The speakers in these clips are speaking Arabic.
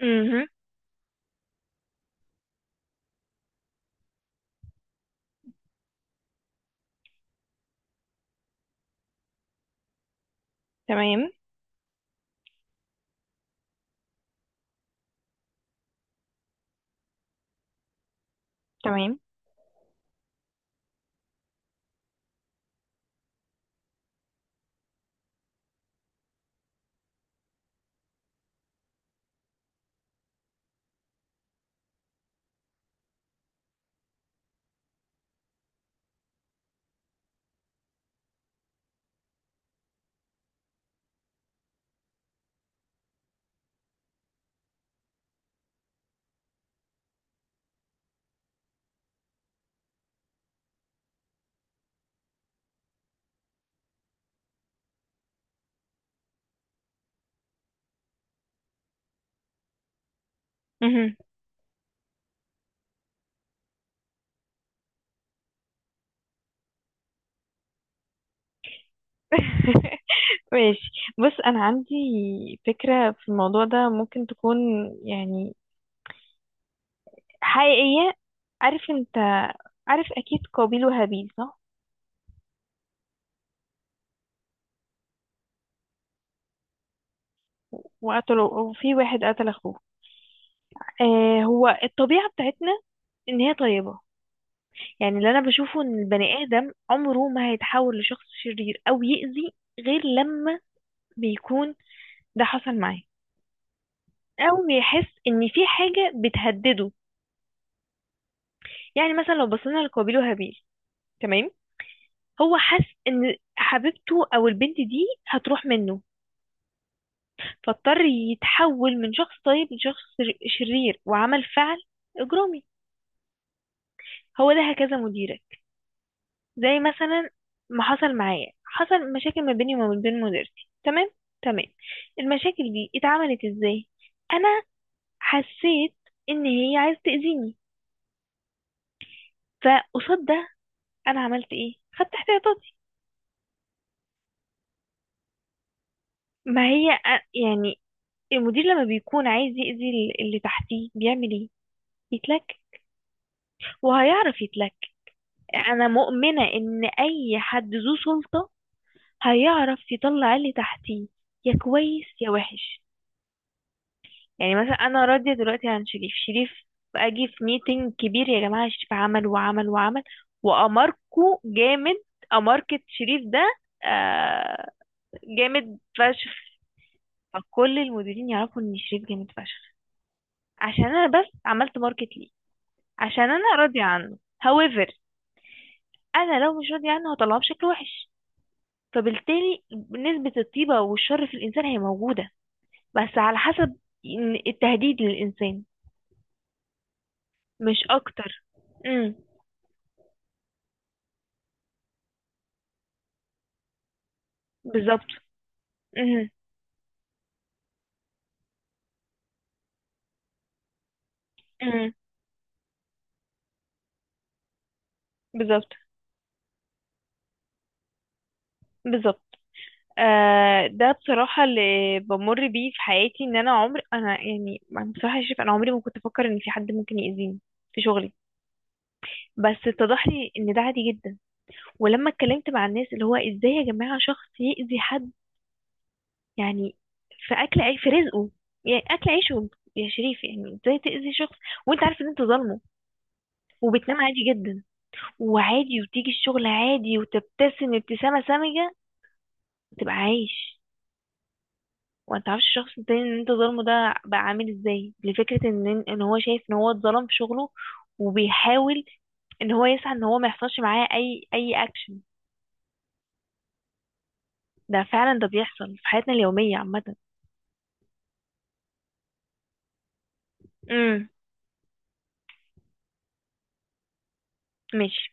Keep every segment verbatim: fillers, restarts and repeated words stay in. مهم. تمام، تمام. مهم. ماشي. بص، انا عندي فكرة في الموضوع ده ممكن تكون يعني حقيقية. عارف انت عارف اكيد قابيل وهابيل، صح؟ وقتلوا، وفي واحد قتل اخوه. آه هو الطبيعة بتاعتنا ان هي طيبة. يعني اللي انا بشوفه ان البني ادم عمره ما هيتحول لشخص شرير او يأذي غير لما بيكون ده حصل معاه، او بيحس ان في حاجة بتهدده. يعني مثلا لو بصينا لقابيل وهابيل، تمام، هو حس ان حبيبته او البنت دي هتروح منه، فاضطر يتحول من شخص طيب لشخص شرير وعمل فعل اجرامي. هو ده هكذا مديرك. زي مثلا ما حصل معايا، حصل مشاكل ما بيني وما بين مديرتي، تمام. تمام، المشاكل دي اتعملت ازاي؟ انا حسيت ان هي عايزه تاذيني، فقصاد ده انا عملت ايه؟ خدت احتياطاتي. ما هي أ- يعني المدير لما بيكون عايز يأذي ال- اللي تحتيه بيعمل ايه؟ يتلك، وهيعرف يتلك. انا مؤمنة ان اي حد ذو سلطة هيعرف يطلع اللي تحتيه، يا كويس يا وحش. يعني مثلا انا راضية دلوقتي عن شريف. شريف، اجي في ميتنج كبير، يا جماعة شريف عمل وعمل وعمل، واماركو جامد. اماركة شريف ده، آه جامد فشخ. فكل المديرين يعرفوا ان شريف جامد فشخ، عشان انا بس عملت ماركت ليه، عشان انا راضية عنه. however انا لو مش راضية عنه هطلعه بشكل وحش. فبالتالي نسبة الطيبة والشر في الانسان هي موجودة، بس على حسب إن- التهديد للانسان، مش اكتر. امم. بالظبط. امم. امم، بالظبط، بالظبط. آه، ده بصراحة اللي بمر بيه في حياتي، ان انا عمري انا يعني أنا بصراحة شايف انا عمري ما كنت افكر ان في حد ممكن يأذيني في شغلي، بس اتضح لي ان ده عادي جدا. ولما اتكلمت مع الناس، اللي هو ازاي يا جماعة شخص يأذي حد، يعني في اكل عيش، في رزقه، يعني اكل عيشه. يا شريف، يعني ازاي تأذي شخص وانت عارف ان انت ظالمه، وبتنام عادي جدا، وعادي، وتيجي الشغل عادي، وتبتسم ابتسامة سامجة، تبقى عايش، وانت عارفش الشخص التاني ان انت ظالمه؟ ده بقى عامل ازاي لفكرة ان ان هو شايف ان هو اتظلم في شغله، وبيحاول ان هو يسعى ان هو ما يحصلش معاه اي اي اكشن. ده فعلا ده بيحصل في حياتنا اليومية عامة. امم. ماشي.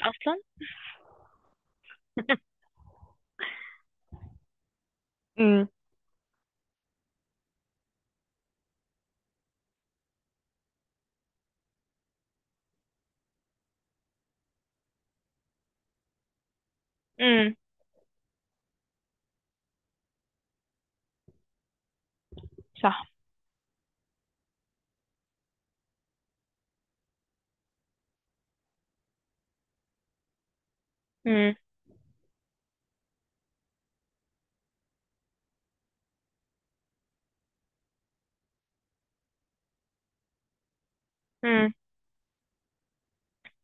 اصلا. امم. امم، صح. امم،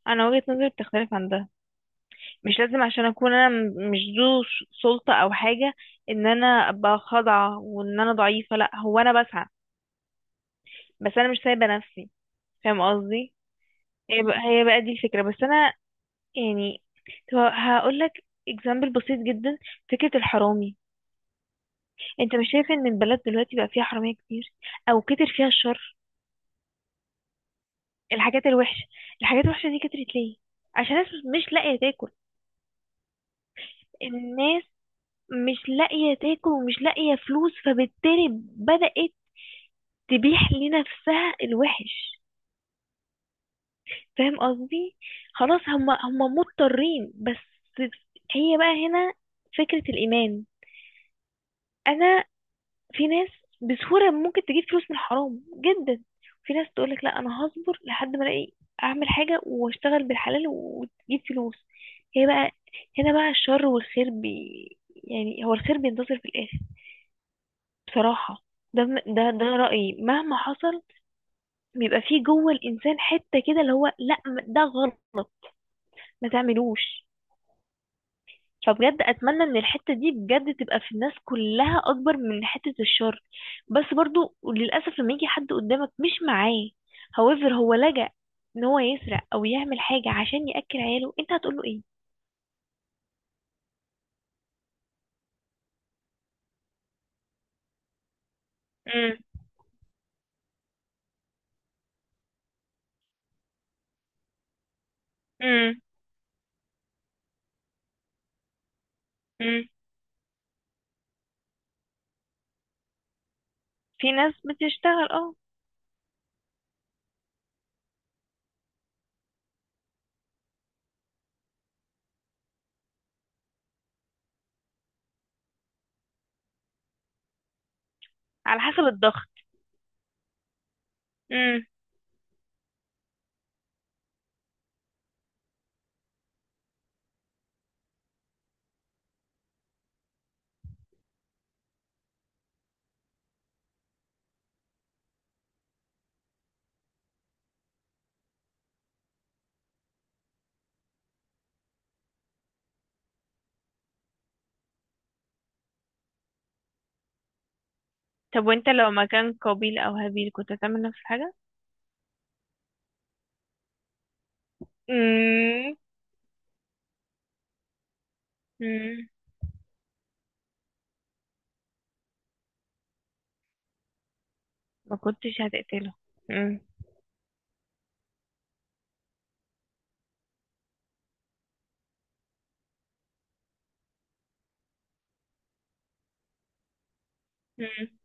انا وجهة نظري بتختلف عن ده. مش لازم عشان اكون انا م- مش ذو ش- سلطة او حاجة ان انا ابقى خاضعة وان انا ضعيفة. لا، هو انا بسعى، بس انا مش سايبة نفسي. فاهم قصدي؟ هي بقى, هي بقى دي الفكرة، بس انا يعني هقول لك اكزامبل بسيط جدا. فكرة الحرامي. انت مش شايف ان البلد دلوقتي بقى فيها حرامية كتير، او كتر فيها الشر؟ الحاجات الوحشة، الحاجات الوحشة دي كترت ليه؟ عشان الناس مش لاقية تاكل. الناس مش لاقية تاكل ومش لاقية فلوس، فبالتالي بدأت تبيح لنفسها الوحش. فاهم قصدي؟ خلاص هما هما مضطرين بس. هي بقى هنا، فكرة الإيمان. أنا، في ناس بسهولة ممكن تجيب فلوس من الحرام جدا، في ناس تقولك لا أنا هصبر لحد ما ألاقي أعمل حاجة وأشتغل بالحلال وتجيب فلوس. هي بقى هنا بقى الشر والخير، بي يعني هو الخير بينتصر في الآخر بصراحة. ده م- ده ده رأيي مهما حصل. بيبقى فيه جوه الإنسان حتة كده اللي هو لا، م- ده غلط، ما تعملوش. فبجد أتمنى إن الحتة دي بجد تبقى في الناس كلها أكبر من حتة الشر. بس برضو للأسف لما يجي حد قدامك مش معاه، however هو لجأ إن هو يسرق أو يعمل حاجة عشان يأكل عياله، أنت هتقوله إيه؟ امم. امم. امم، في ناس بتشتغل اه، على حسب الضغط. امم. طب وانت لو مكان قابيل او هابيل كنت هتعمل نفس الحاجة؟ مم. مم. ما كنتش هتقتله. مم. مم.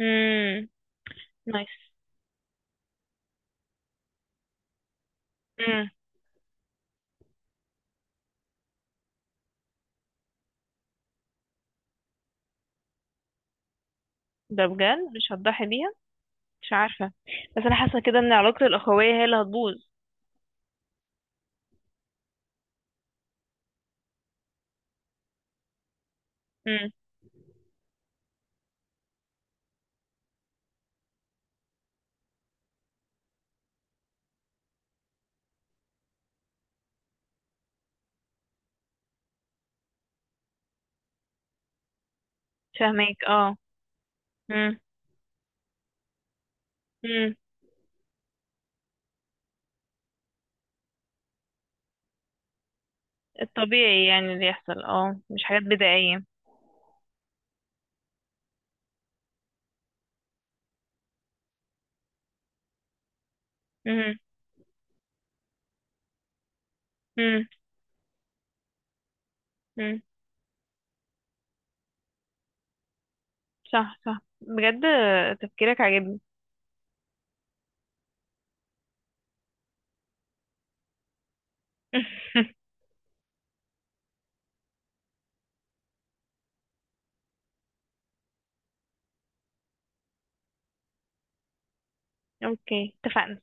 مم. نايس. مم. ده بجد مش هتضحي بيها؟ مش عارفة، بس انا حاسة كده ان علاقة الاخوية هي اللي هتبوظ. مم. فاهمك، اه. مم. مم. الطبيعي يعني اللي يحصل، اه، مش حاجات بدائية. مم. مم. مم، صح، صح، بجد تفكيرك عاجبني. اوكي، اتفقنا.